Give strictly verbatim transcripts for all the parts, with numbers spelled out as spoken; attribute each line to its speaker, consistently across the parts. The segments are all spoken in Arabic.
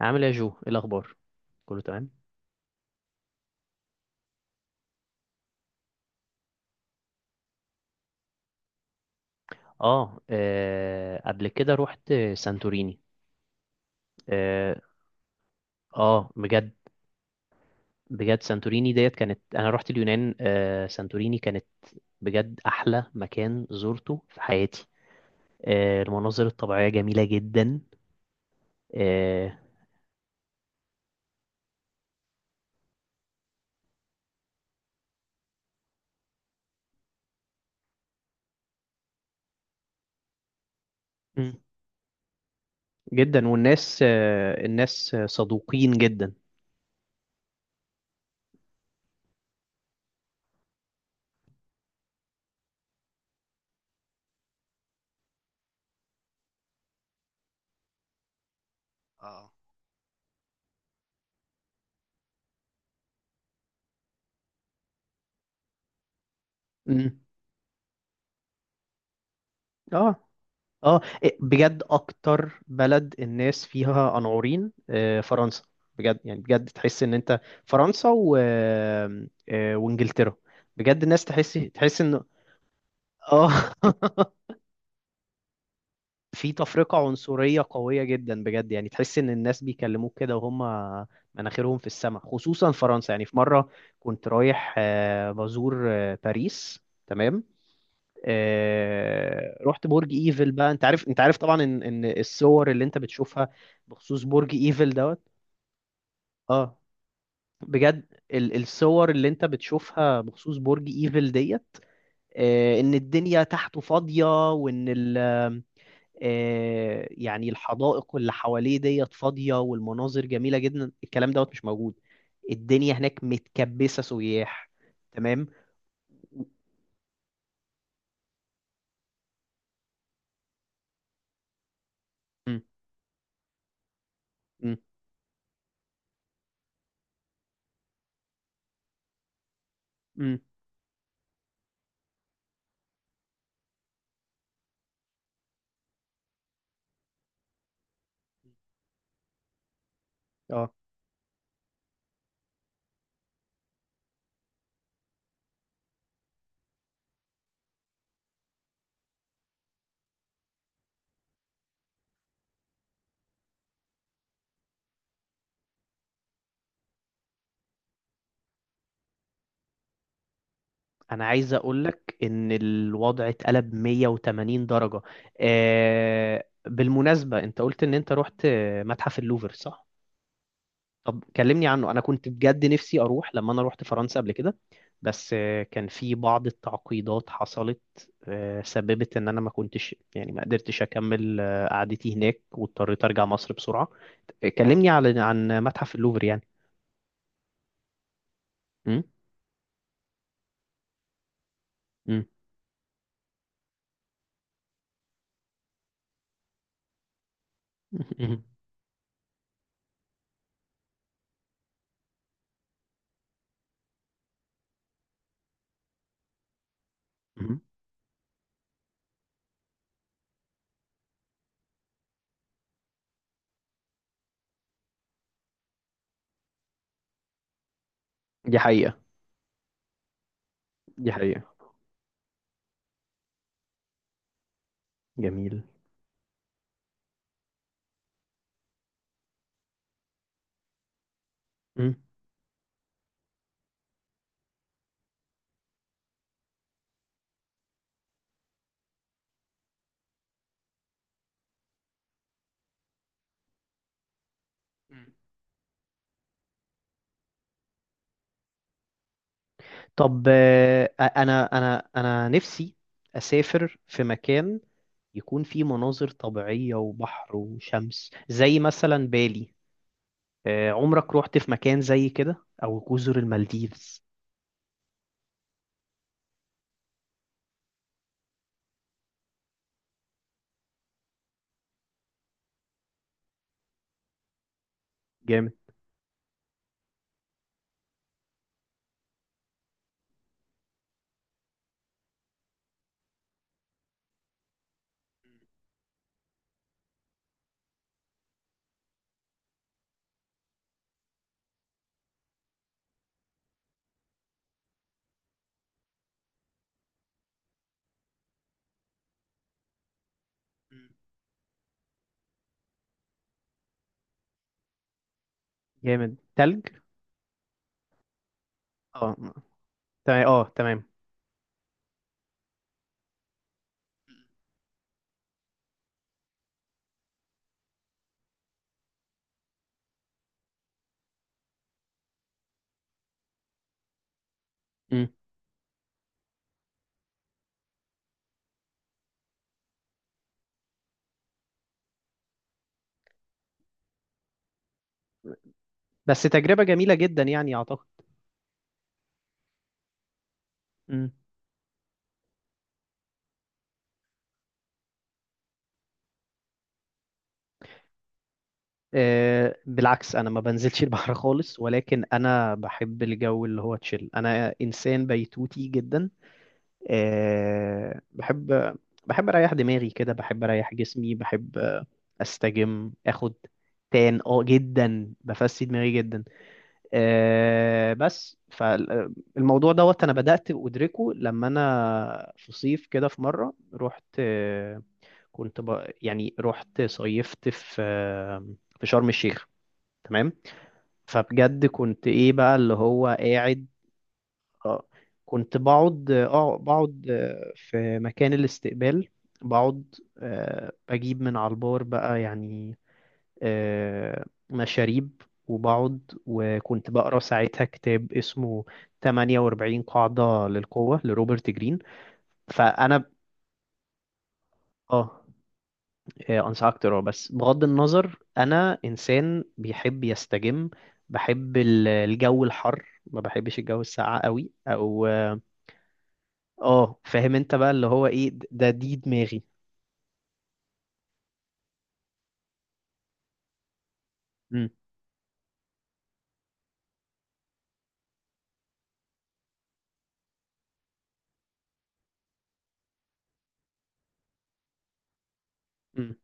Speaker 1: عامل ايه يا جو، ايه الاخبار؟ كله تمام. اه. آه، قبل كده رحت سانتوريني. اه. آه، بجد. بجد سانتوريني ديت كانت، انا رحت اليونان آه سانتوريني كانت بجد احلى مكان زرته في حياتي. آه المناظر الطبيعية جميلة جدا. آه مم، جدا، والناس آه الناس صدوقين جدا. اه. مم. اه، اه، إيه، بجد اكتر بلد الناس فيها قنعورين آه، فرنسا. بجد يعني بجد تحس ان انت، فرنسا و آه، وانجلترا. بجد الناس تحس تحس ان اه في تفرقة عنصرية قوية جدا، بجد يعني تحس ان الناس بيكلموك كده وهم مناخيرهم في السماء، خصوصا فرنسا. يعني في مرة كنت رايح آه، بزور آه، باريس. تمام. آه، رحت برج ايفل بقى. انت عارف انت عارف طبعا ان ان الصور اللي انت بتشوفها بخصوص برج ايفل دوت. اه، بجد. ال- الصور اللي انت بتشوفها بخصوص برج ايفل ديت، آه، ان الدنيا تحته فاضية وان ال آه، يعني الحدائق اللي حواليه ديت فاضية والمناظر جميلة جدا، الكلام دوت مش موجود. الدنيا هناك متكبسة سياح. تمام. امم. امم. انا عايز اقولك ان الوضع اتقلب 180 درجة. آه بالمناسبة، انت قلت ان انت رحت متحف اللوفر، صح؟ طب كلمني عنه. انا كنت بجد نفسي اروح لما انا رحت فرنسا قبل كده. بس آه كان في بعض التعقيدات حصلت آه سببت ان انا ما كنتش يعني ما قدرتش اكمل آه قعدتي هناك، واضطريت ارجع مصر بسرعة. آه، كلمني على عن متحف اللوفر يعني. م؟ م؟ م- م- م- دي حقيقة. دي حقيقة، جميل. م؟ طب، آه، انا انا انا نفسي اسافر في مكان يكون فيه مناظر طبيعية وبحر وشمس، زي مثلا بالي. آه، عمرك روحت في مكان زي كده، او جزر المالديفز؟ جامد. مم. جامد، تلج. اه، تمام. اه، تمام. مم. بس تجربة جميلة جدا يعني، اعتقد. مم. آه، بالعكس، انا ما بنزلش البحر خالص، ولكن انا بحب الجو اللي هو تشيل، انا انسان بيتوتي جدا. آه، بحب بحب اريح دماغي كده، بحب اريح جسمي، بحب آه، استجم، اخد تان اه جدا، بفسي دماغي جدا. آه، بس فالموضوع دوت، انا بدأت ادركه لما انا في صيف كده في مرة رحت، آه، كنت ب... يعني رحت صيفت في آه، في شرم الشيخ. تمام. فبجد كنت ايه بقى اللي هو قاعد. اه، كنت بقعد اه بقعد آه، في مكان الاستقبال. بقعد آه، بجيب من على البار بقى يعني. آه، مشاريب، وبقعد، وكنت بقرا ساعتها كتاب اسمه 48 قاعدة للقوة لروبرت جرين. فأنا. اه. آه، أنصحك تقراه، بس بغض النظر أنا إنسان بيحب يستجم. بحب ال- الجو الحر، ما بحبش الجو الساقع قوي، أو اه، فاهم انت بقى اللي هو ايه، د- ده دي دماغي. مم. مم.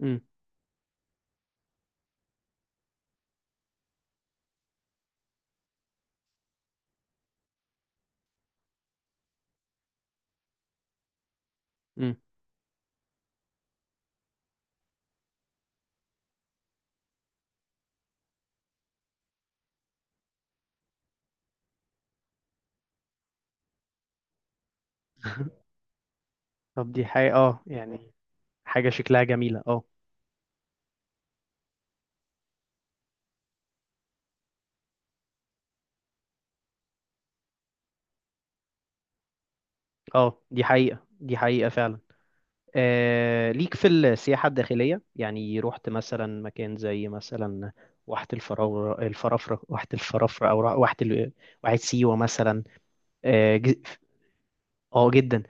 Speaker 1: مم. مم. طب دي حقيقة، اه يعني، حاجة شكلها جميلة. اه. اه، دي حقيقة، دي حقيقة فعلا. آه ليك في السياحة الداخلية؟ يعني رحت مثلا مكان زي مثلا واحة الفراورة الفرافرة واحة الفرافرة، أو واحة ال- واحة سيوة مثلا. اه. ج- آه، جدا.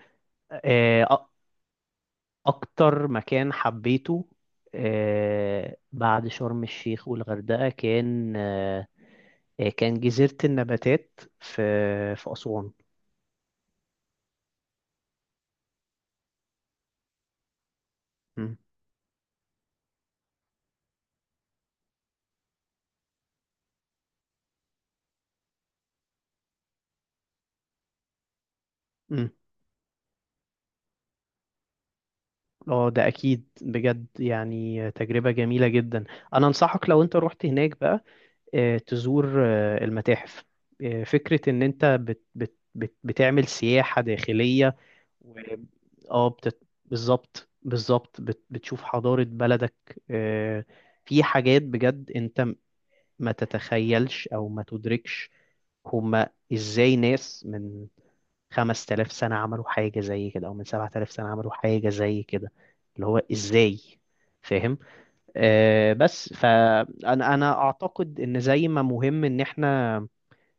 Speaker 1: اه، اكتر مكان حبيته آه، بعد شرم الشيخ والغردقة، كان آه، آه، كان جزيرة النباتات في في أسوان. مم. مم. اه، ده اكيد بجد يعني تجربة جميلة جدا. انا انصحك لو انت رحت هناك بقى، آه، تزور آه، المتاحف. آه، فكرة ان انت بت بت بت بتعمل سياحة داخلية. و. اه، بتت... بالظبط، بالظبط، بت... بتشوف حضارة بلدك. آه، في حاجات بجد انت م- ما تتخيلش او ما تدركش. هما ازاي ناس من 5000 سنة عملوا حاجة زي كده، او من 7000 سنة عملوا حاجة زي كده؟ اللي هو ازاي، فاهم. آه بس فانا انا اعتقد ان زي ما مهم ان احنا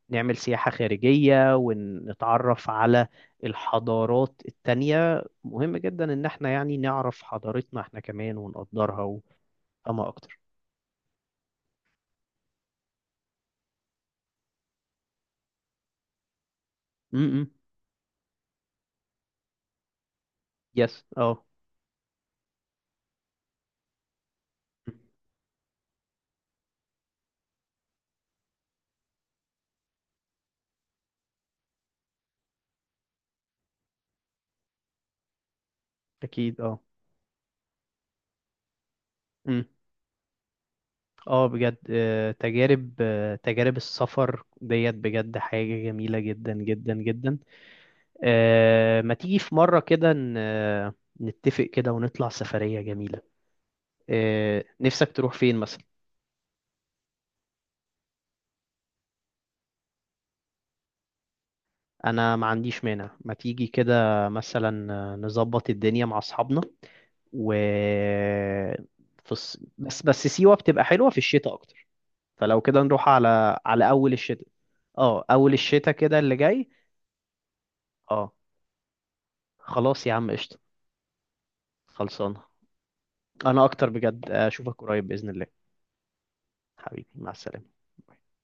Speaker 1: نعمل سياحة خارجية ونتعرف على الحضارات التانية، مهم جدا إن احنا يعني نعرف حضارتنا احنا كمان ونقدرها ونفهمها أكتر. امم. يس، اه. م. أكيد، اه. مم. اه، بجد آه، تجارب آه، تجارب السفر ديت بجد حاجة جميلة جدا جدا جدا. آه، ما تيجي في مرة كده، ن- آه، نتفق كده ونطلع سفرية جميلة. آه، نفسك تروح فين مثلا؟ انا ما عنديش مانع. ما تيجي كده مثلا نظبط الدنيا مع اصحابنا و في الص- بس بس سيوة بتبقى حلوة في الشتاء اكتر. فلو كده نروح على على اول الشتاء. اه، اول الشتاء كده اللي جاي. اه، خلاص يا عم، قشطة. خلصانة. انا اكتر بجد، اشوفك قريب بإذن الله. حبيبي، مع السلامة.